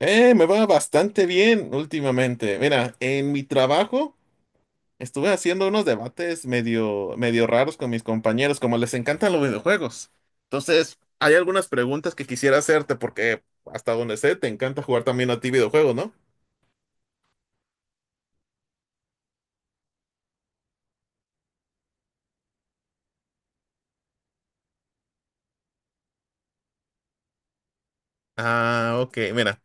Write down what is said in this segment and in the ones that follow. Me va bastante bien últimamente. Mira, en mi trabajo estuve haciendo unos debates medio raros con mis compañeros, como les encantan los videojuegos. Entonces, hay algunas preguntas que quisiera hacerte porque hasta donde sé, te encanta jugar también a ti videojuegos, ¿no? Ah, ok, mira.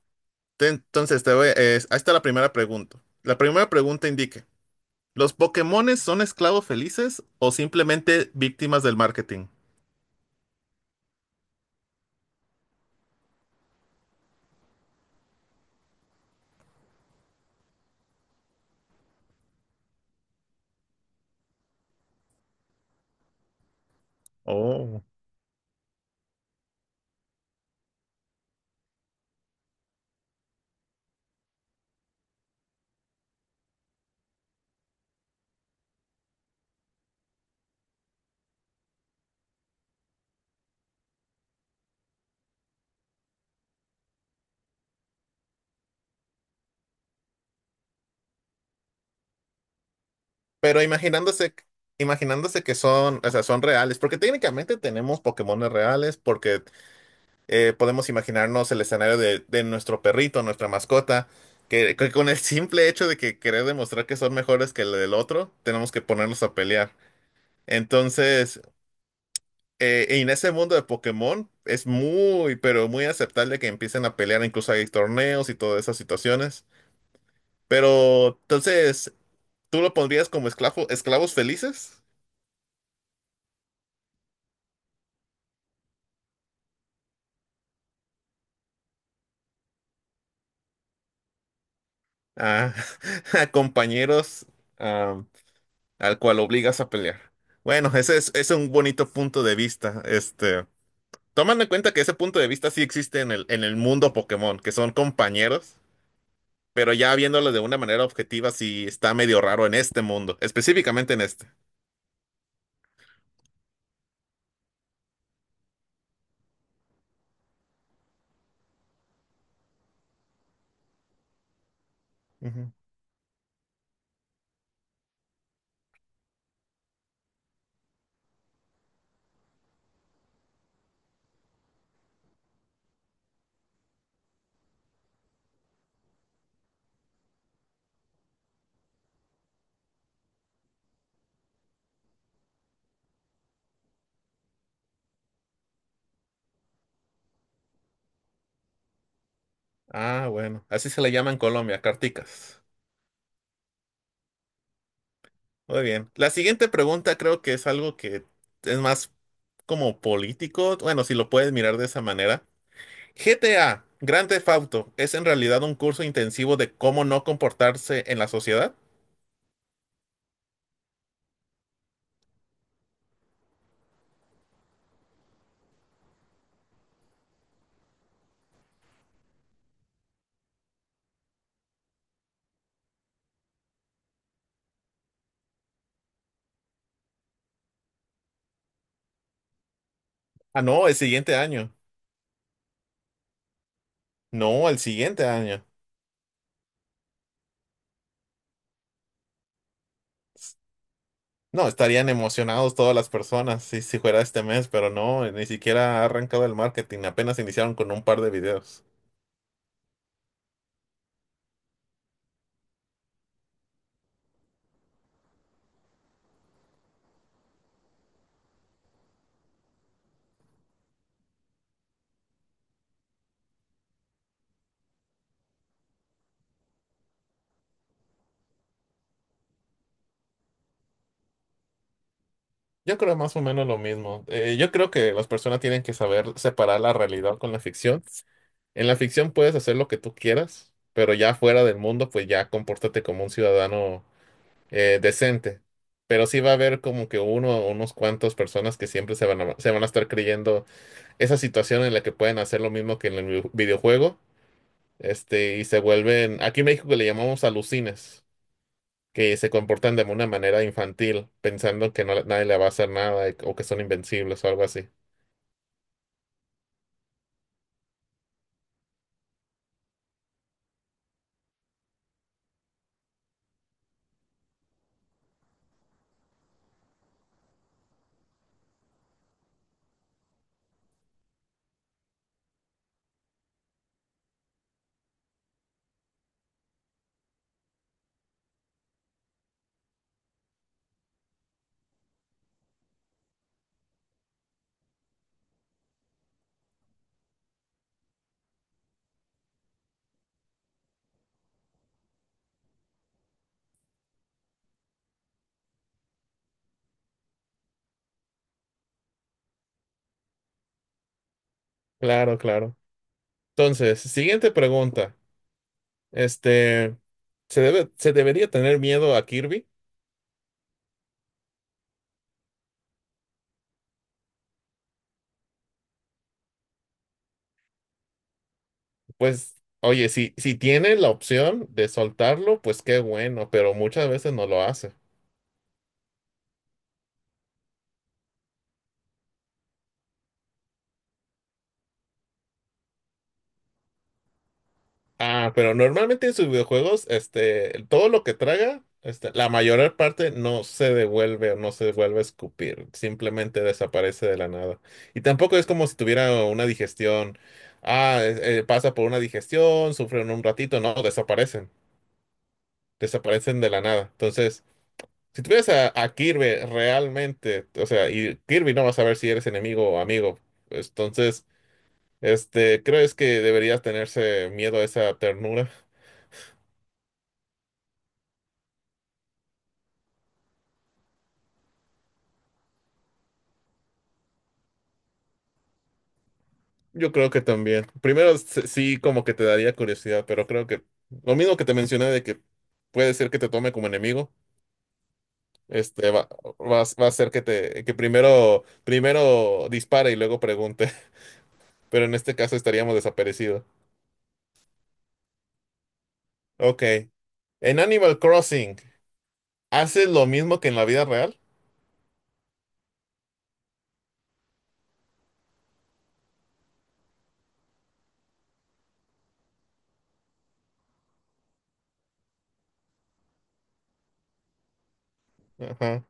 Entonces, ahí está la primera pregunta. La primera pregunta indique, ¿los Pokémones son esclavos felices o simplemente víctimas del marketing? Oh. Pero imaginándose que son, o sea, son reales, porque técnicamente tenemos Pokémones reales, porque podemos imaginarnos el escenario de nuestro perrito, nuestra mascota, que con el simple hecho de que querer demostrar que son mejores que el del otro, tenemos que ponernos a pelear. Entonces, en ese mundo de Pokémon es muy, pero muy aceptable que empiecen a pelear, incluso hay torneos y todas esas situaciones. Pero entonces, ¿tú lo pondrías como esclavo, esclavos felices? A, a compañeros am, al cual obligas a pelear. Bueno, ese es un bonito punto de vista. Este, tomando en cuenta que ese punto de vista sí existe en el mundo Pokémon, que son compañeros, pero ya viéndolo de una manera objetiva, sí está medio raro en este mundo, específicamente en este. Ujú. Ah, bueno, así se le llama en Colombia, carticas. Muy bien. La siguiente pregunta creo que es algo que es más como político, bueno, si lo puedes mirar de esa manera. GTA, Grand Theft Auto, ¿es en realidad un curso intensivo de cómo no comportarse en la sociedad? Ah, no, el siguiente año. No, el siguiente año. No, estarían emocionados todas las personas si, si fuera este mes, pero no, ni siquiera ha arrancado el marketing, apenas iniciaron con un par de videos. Yo creo más o menos lo mismo. Yo creo que las personas tienen que saber separar la realidad con la ficción. En la ficción puedes hacer lo que tú quieras, pero ya fuera del mundo, pues ya compórtate como un ciudadano decente. Pero sí va a haber como que uno o unos cuantos personas que siempre se van a estar creyendo esa situación en la que pueden hacer lo mismo que en el videojuego, este, y se vuelven, aquí en México le llamamos alucines, que se comportan de una manera infantil, pensando que no, nadie le va a hacer nada o que son invencibles o algo así. Claro, claro. Entonces, siguiente pregunta. Este, se debería tener miedo a Kirby? Pues, oye, si, si tiene la opción de soltarlo, pues qué bueno, pero muchas veces no lo hace. Ah, pero normalmente en sus videojuegos, este, todo lo que traga, este, la mayor parte no se devuelve o no se devuelve a escupir, simplemente desaparece de la nada. Y tampoco es como si tuviera una digestión. Ah, pasa por una digestión, sufren un ratito, no, desaparecen de la nada. Entonces, si tuvieras a Kirby realmente, o sea, y Kirby no va a saber si eres enemigo o amigo, entonces, este, ¿crees que deberías tenerse miedo a esa ternura? Yo creo que también. Primero, sí, como que te daría curiosidad, pero creo que lo mismo que te mencioné de que puede ser que te tome como enemigo, este, va a ser que primero, primero dispare y luego pregunte, pero en este caso estaríamos desaparecidos. Ok. En Animal Crossing, ¿haces lo mismo que en la vida real? Ajá.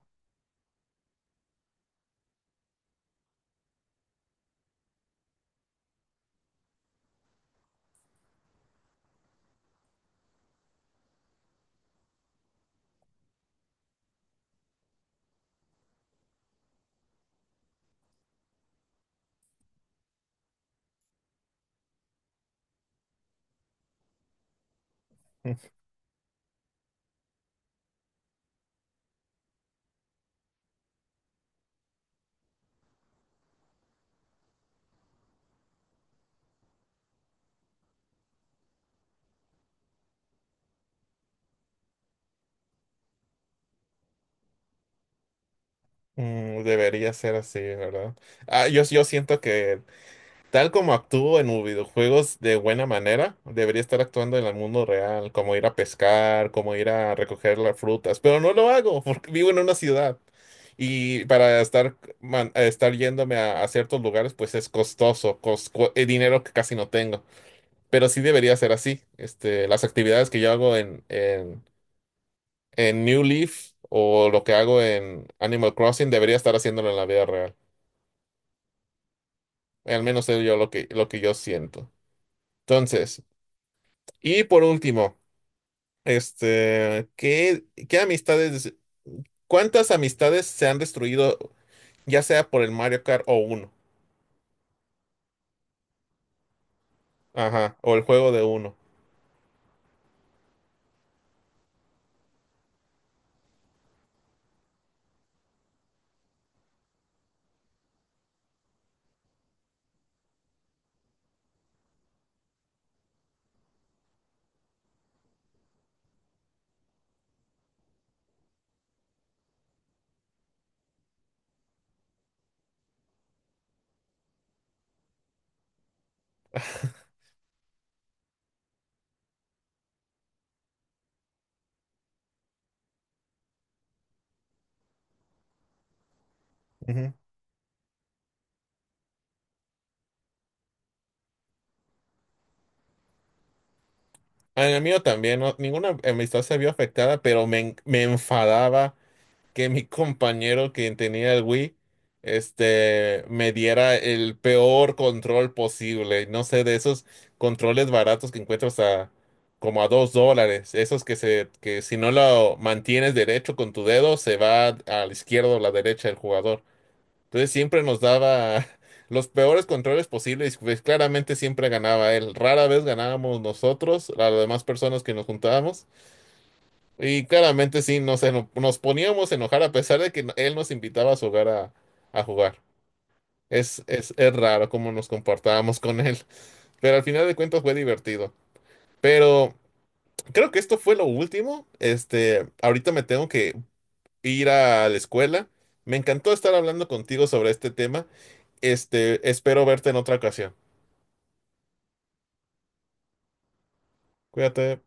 Mm, debería ser así, ¿verdad? Ah, yo siento que tal como actúo en los videojuegos de buena manera, debería estar actuando en el mundo real, como ir a pescar, como ir a recoger las frutas, pero no lo hago porque vivo en una ciudad y para estar, man- a estar yéndome a ciertos lugares, pues es costoso, dinero que casi no tengo, pero sí debería ser así. Este, las actividades que yo hago en New Leaf o lo que hago en Animal Crossing, debería estar haciéndolo en la vida real. Al menos es yo lo que yo siento. Entonces, y por último, este, qué amistades, cuántas amistades se han destruido, ya sea por el Mario Kart o uno? Ajá, o el juego de uno. Ujú. A mí mío también, ninguna amistad se vio afectada, pero me enfadaba que mi compañero que tenía el Wii, este, me diera el peor control posible. No sé, de esos controles baratos que encuentras a como a $2. Esos que que si no lo mantienes derecho con tu dedo, se va a la izquierda o la derecha del jugador. Entonces siempre nos daba los peores controles posibles. Pues claramente siempre ganaba él. Rara vez ganábamos nosotros, a las demás personas que nos juntábamos. Y claramente sí, nos poníamos a enojar a pesar de que él nos invitaba a su hogar a jugar. Es raro cómo nos comportábamos con él, pero al final de cuentas fue divertido. Pero creo que esto fue lo último. Este, ahorita me tengo que ir a la escuela. Me encantó estar hablando contigo sobre este tema. Este, espero verte en otra ocasión. Cuídate.